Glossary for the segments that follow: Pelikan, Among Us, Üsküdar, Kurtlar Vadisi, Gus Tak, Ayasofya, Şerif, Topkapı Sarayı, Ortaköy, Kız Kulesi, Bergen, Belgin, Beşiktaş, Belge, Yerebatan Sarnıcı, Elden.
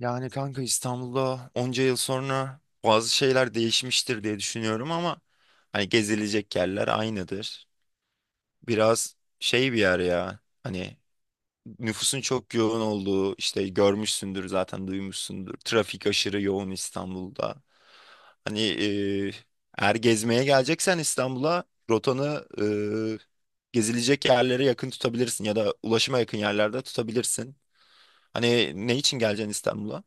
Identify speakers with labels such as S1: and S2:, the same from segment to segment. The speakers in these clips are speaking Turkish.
S1: Yani kanka İstanbul'da onca yıl sonra bazı şeyler değişmiştir diye düşünüyorum ama hani gezilecek yerler aynıdır. Biraz şey bir yer ya. Hani nüfusun çok yoğun olduğu işte görmüşsündür zaten duymuşsundur. Trafik aşırı yoğun İstanbul'da. Hani eğer gezmeye geleceksen İstanbul'a rotanı e, gezilecek yerlere yakın tutabilirsin ya da ulaşıma yakın yerlerde tutabilirsin. Hani ne için geleceksin İstanbul'a?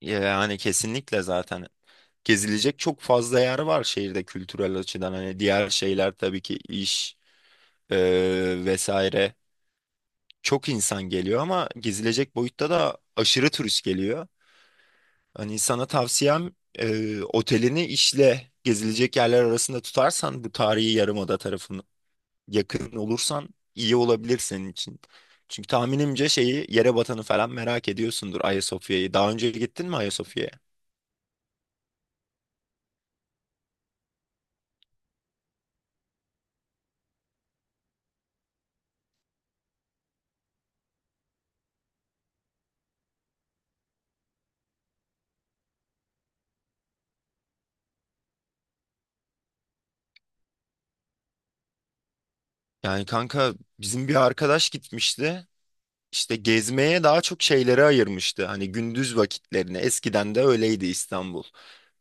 S1: Yani kesinlikle zaten gezilecek çok fazla yer var şehirde kültürel açıdan. Hani diğer şeyler tabii ki iş e, vesaire. Çok insan geliyor ama gezilecek boyutta da aşırı turist geliyor. Hani sana tavsiyem otelini işle gezilecek yerler arasında tutarsan bu tarihi yarımada tarafını yakın olursan iyi olabilir senin için. Çünkü tahminimce şeyi Yerebatan'ı falan merak ediyorsundur Ayasofya'yı. Daha önce gittin mi Ayasofya'ya? Yani kanka bizim bir arkadaş gitmişti. İşte gezmeye daha çok şeylere ayırmıştı. Hani gündüz vakitlerini. Eskiden de öyleydi İstanbul.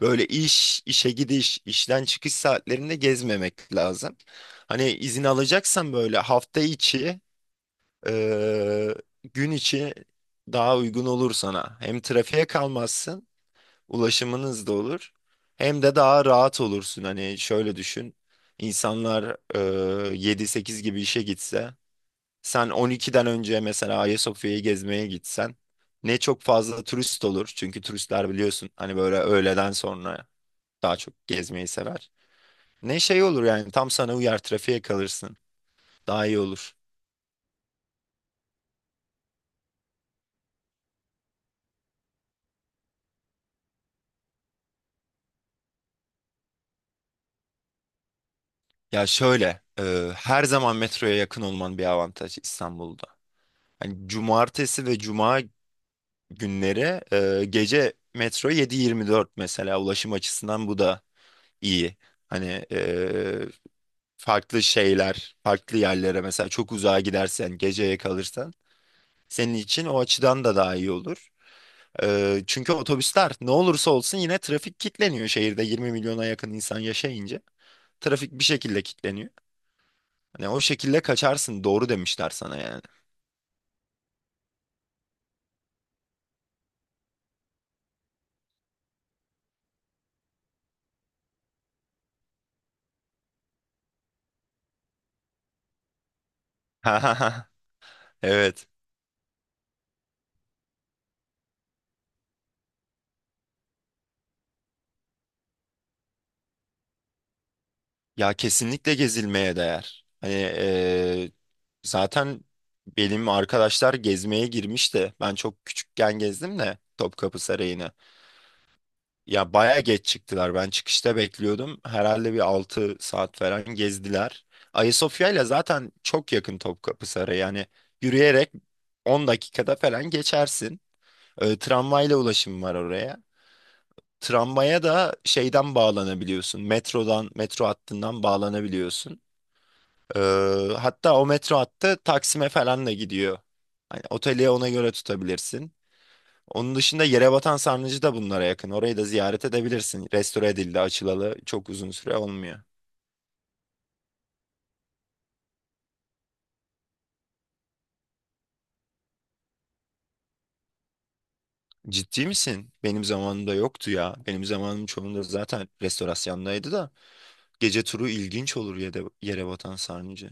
S1: Böyle iş, işe gidiş, işten çıkış saatlerinde gezmemek lazım. Hani izin alacaksan böyle hafta içi, eee, gün içi daha uygun olur sana. Hem trafiğe kalmazsın, ulaşımınız da olur. Hem de daha rahat olursun. Hani şöyle düşün. İnsanlar 7-8 gibi işe gitse sen 12'den önce mesela Ayasofya'yı gezmeye gitsen ne çok fazla turist olur. Çünkü turistler biliyorsun hani böyle öğleden sonra daha çok gezmeyi sever. Ne şey olur yani tam sana uyar trafiğe kalırsın. Daha iyi olur. Ya şöyle her zaman metroya yakın olman bir avantaj İstanbul'da. Hani cumartesi ve cuma günleri gece metro 7.24 mesela ulaşım açısından bu da iyi. Hani farklı şeyler, farklı yerlere mesela çok uzağa gidersen, geceye kalırsan senin için o açıdan da daha iyi olur. Çünkü otobüsler ne olursa olsun yine trafik kilitleniyor şehirde 20 milyona yakın insan yaşayınca. Trafik bir şekilde kilitleniyor. Hani o şekilde kaçarsın doğru demişler sana yani. Evet. Ya kesinlikle gezilmeye değer. Hani zaten benim arkadaşlar gezmeye girmişti. Ben çok küçükken gezdim de Topkapı Sarayı'nı. Ya baya geç çıktılar. Ben çıkışta bekliyordum. Herhalde bir 6 saat falan gezdiler. Ayasofya ile zaten çok yakın Topkapı Sarayı. Yani yürüyerek 10 dakikada falan geçersin. Tramvayla ulaşım var oraya. Tramvaya da şeyden bağlanabiliyorsun. Metrodan, metro hattından bağlanabiliyorsun. Ee, hatta o metro hattı Taksim'e falan da gidiyor. Hani oteli ona göre tutabilirsin. Onun dışında Yerebatan Sarnıcı da bunlara yakın. Orayı da ziyaret edebilirsin. Restore edildi, açılalı çok uzun süre olmuyor. Ciddi misin? Benim zamanımda yoktu ya. Benim zamanım çoğunda zaten restorasyondaydı da. Gece turu ilginç olur Yerebatan Sarnıcı.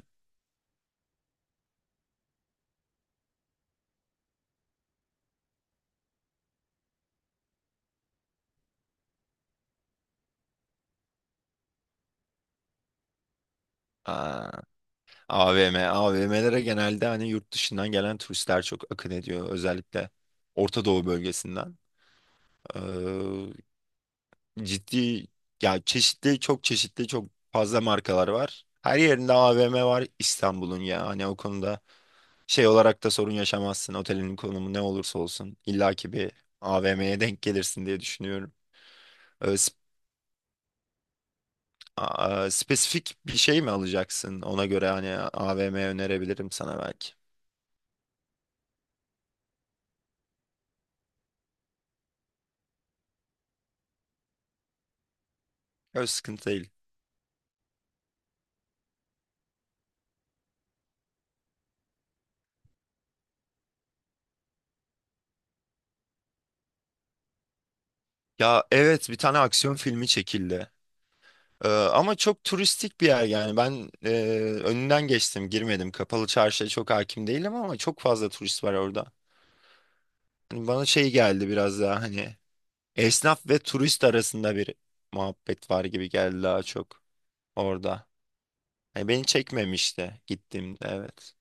S1: Aa, AVM'lere genelde hani yurt dışından gelen turistler çok akın ediyor. Özellikle Orta Doğu bölgesinden. Ciddi ya çeşitli çok çeşitli çok fazla markalar var. Her yerinde AVM var İstanbul'un ya. Hani o konuda şey olarak da sorun yaşamazsın. Otelin konumu ne olursa olsun illaki bir AVM'ye denk gelirsin diye düşünüyorum. Ee, sp- a- spesifik bir şey mi alacaksın? Ona göre hani AVM önerebilirim sana belki. Öyle sıkıntı değil. Ya evet bir tane aksiyon filmi çekildi. Ama çok turistik bir yer yani ben önünden geçtim girmedim kapalı çarşıya çok hakim değilim ama çok fazla turist var orada. Hani bana şey geldi biraz daha hani esnaf ve turist arasında bir muhabbet var gibi geldi daha çok orada. Hani beni çekmemişti gittiğimde evet.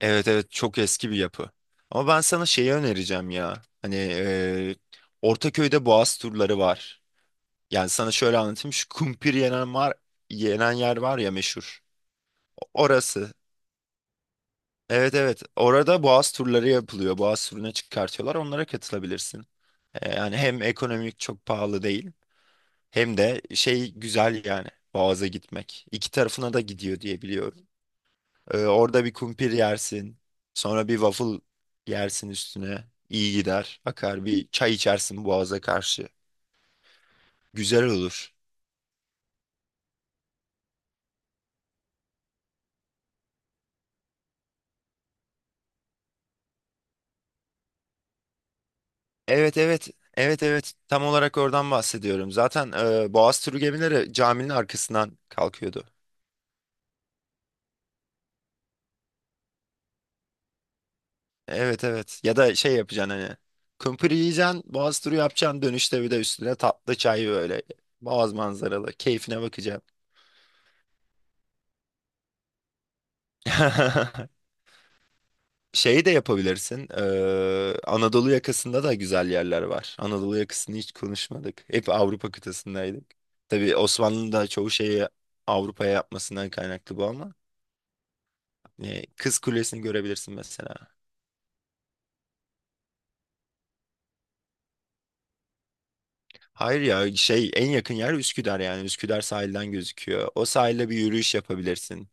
S1: Evet, evet, çok eski bir yapı. Ama ben sana şeyi önereceğim ya hani Ortaköy'de boğaz turları var. Yani sana şöyle anlatayım şu kumpir yenen var yenen yer var ya meşhur. Orası. Evet, evet. Orada boğaz turları yapılıyor. Boğaz turuna çıkartıyorlar. Onlara katılabilirsin. Yani hem ekonomik çok pahalı değil. Hem de şey güzel yani. Boğaz'a gitmek. İki tarafına da gidiyor diye biliyorum. Orada bir kumpir yersin. Sonra bir waffle yersin üstüne. İyi gider. Akar bir çay içersin boğaza karşı. Güzel olur. Evet, evet. Evet, evet. Tam olarak oradan bahsediyorum. Zaten Boğaz turu gemileri caminin arkasından kalkıyordu. Evet, evet. Ya da şey yapacaksın hani. Kumpir yiyeceksin, boğaz turu yapacaksın. Dönüşte bir de üstüne tatlı çay böyle. Boğaz manzaralı. Keyfine bakacaksın. Şeyi de yapabilirsin. Anadolu yakasında da güzel yerler var. Anadolu yakasını hiç konuşmadık. Hep Avrupa kıtasındaydık. Tabii Osmanlı'nın da çoğu şeyi Avrupa'ya yapmasından kaynaklı bu ama. Kız Kulesi'ni görebilirsin mesela. Hayır ya şey en yakın yer Üsküdar yani Üsküdar sahilden gözüküyor. O sahilde bir yürüyüş yapabilirsin.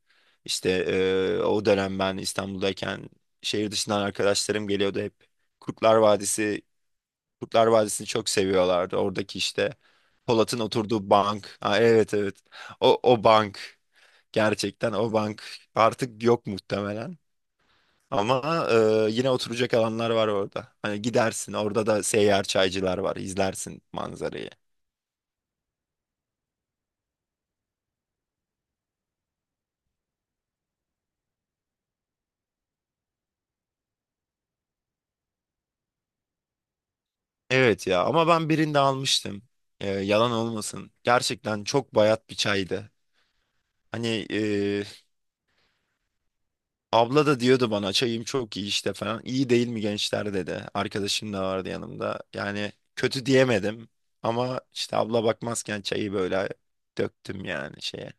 S1: İşte o dönem ben İstanbul'dayken şehir dışından arkadaşlarım geliyordu hep. Kurtlar Vadisi, Kurtlar Vadisi'ni çok seviyorlardı. Oradaki işte Polat'ın oturduğu bank. Ha, evet, evet. O bank gerçekten o bank artık yok muhtemelen. Ama yine oturacak alanlar var orada. Hani gidersin orada da seyyar çaycılar var izlersin manzarayı. Evet ya ama ben birinde almıştım. Yalan olmasın. Gerçekten çok bayat bir çaydı. Hani abla da diyordu bana çayım çok iyi işte falan. İyi değil mi gençler dedi. Arkadaşım da vardı yanımda. Yani kötü diyemedim. Ama işte abla bakmazken çayı böyle döktüm yani şeye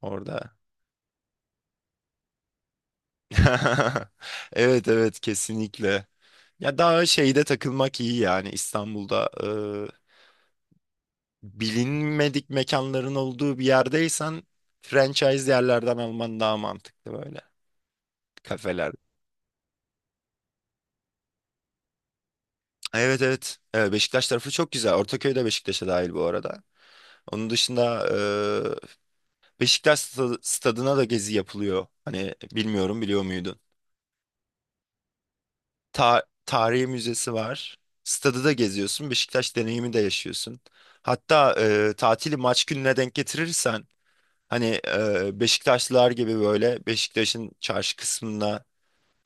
S1: orada. Evet, evet, kesinlikle. Ya daha şeyde takılmak iyi yani İstanbul'da bilinmedik mekanların olduğu bir yerdeysen franchise yerlerden alman daha mantıklı böyle kafeler. Evet, evet. Evet, Beşiktaş tarafı çok güzel. Ortaköy de Beşiktaş'a dahil bu arada. Onun dışında Beşiktaş stadına da gezi yapılıyor. Hani bilmiyorum biliyor muydun? Tarihi müzesi var. Stadı da geziyorsun. Beşiktaş deneyimi de yaşıyorsun. Hatta tatili maç gününe denk getirirsen hani Beşiktaşlılar gibi böyle Beşiktaş'ın çarşı kısmına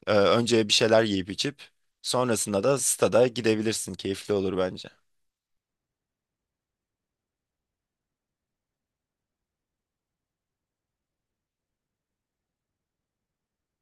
S1: Önce bir şeyler yiyip içip sonrasında da stada gidebilirsin. Keyifli olur bence.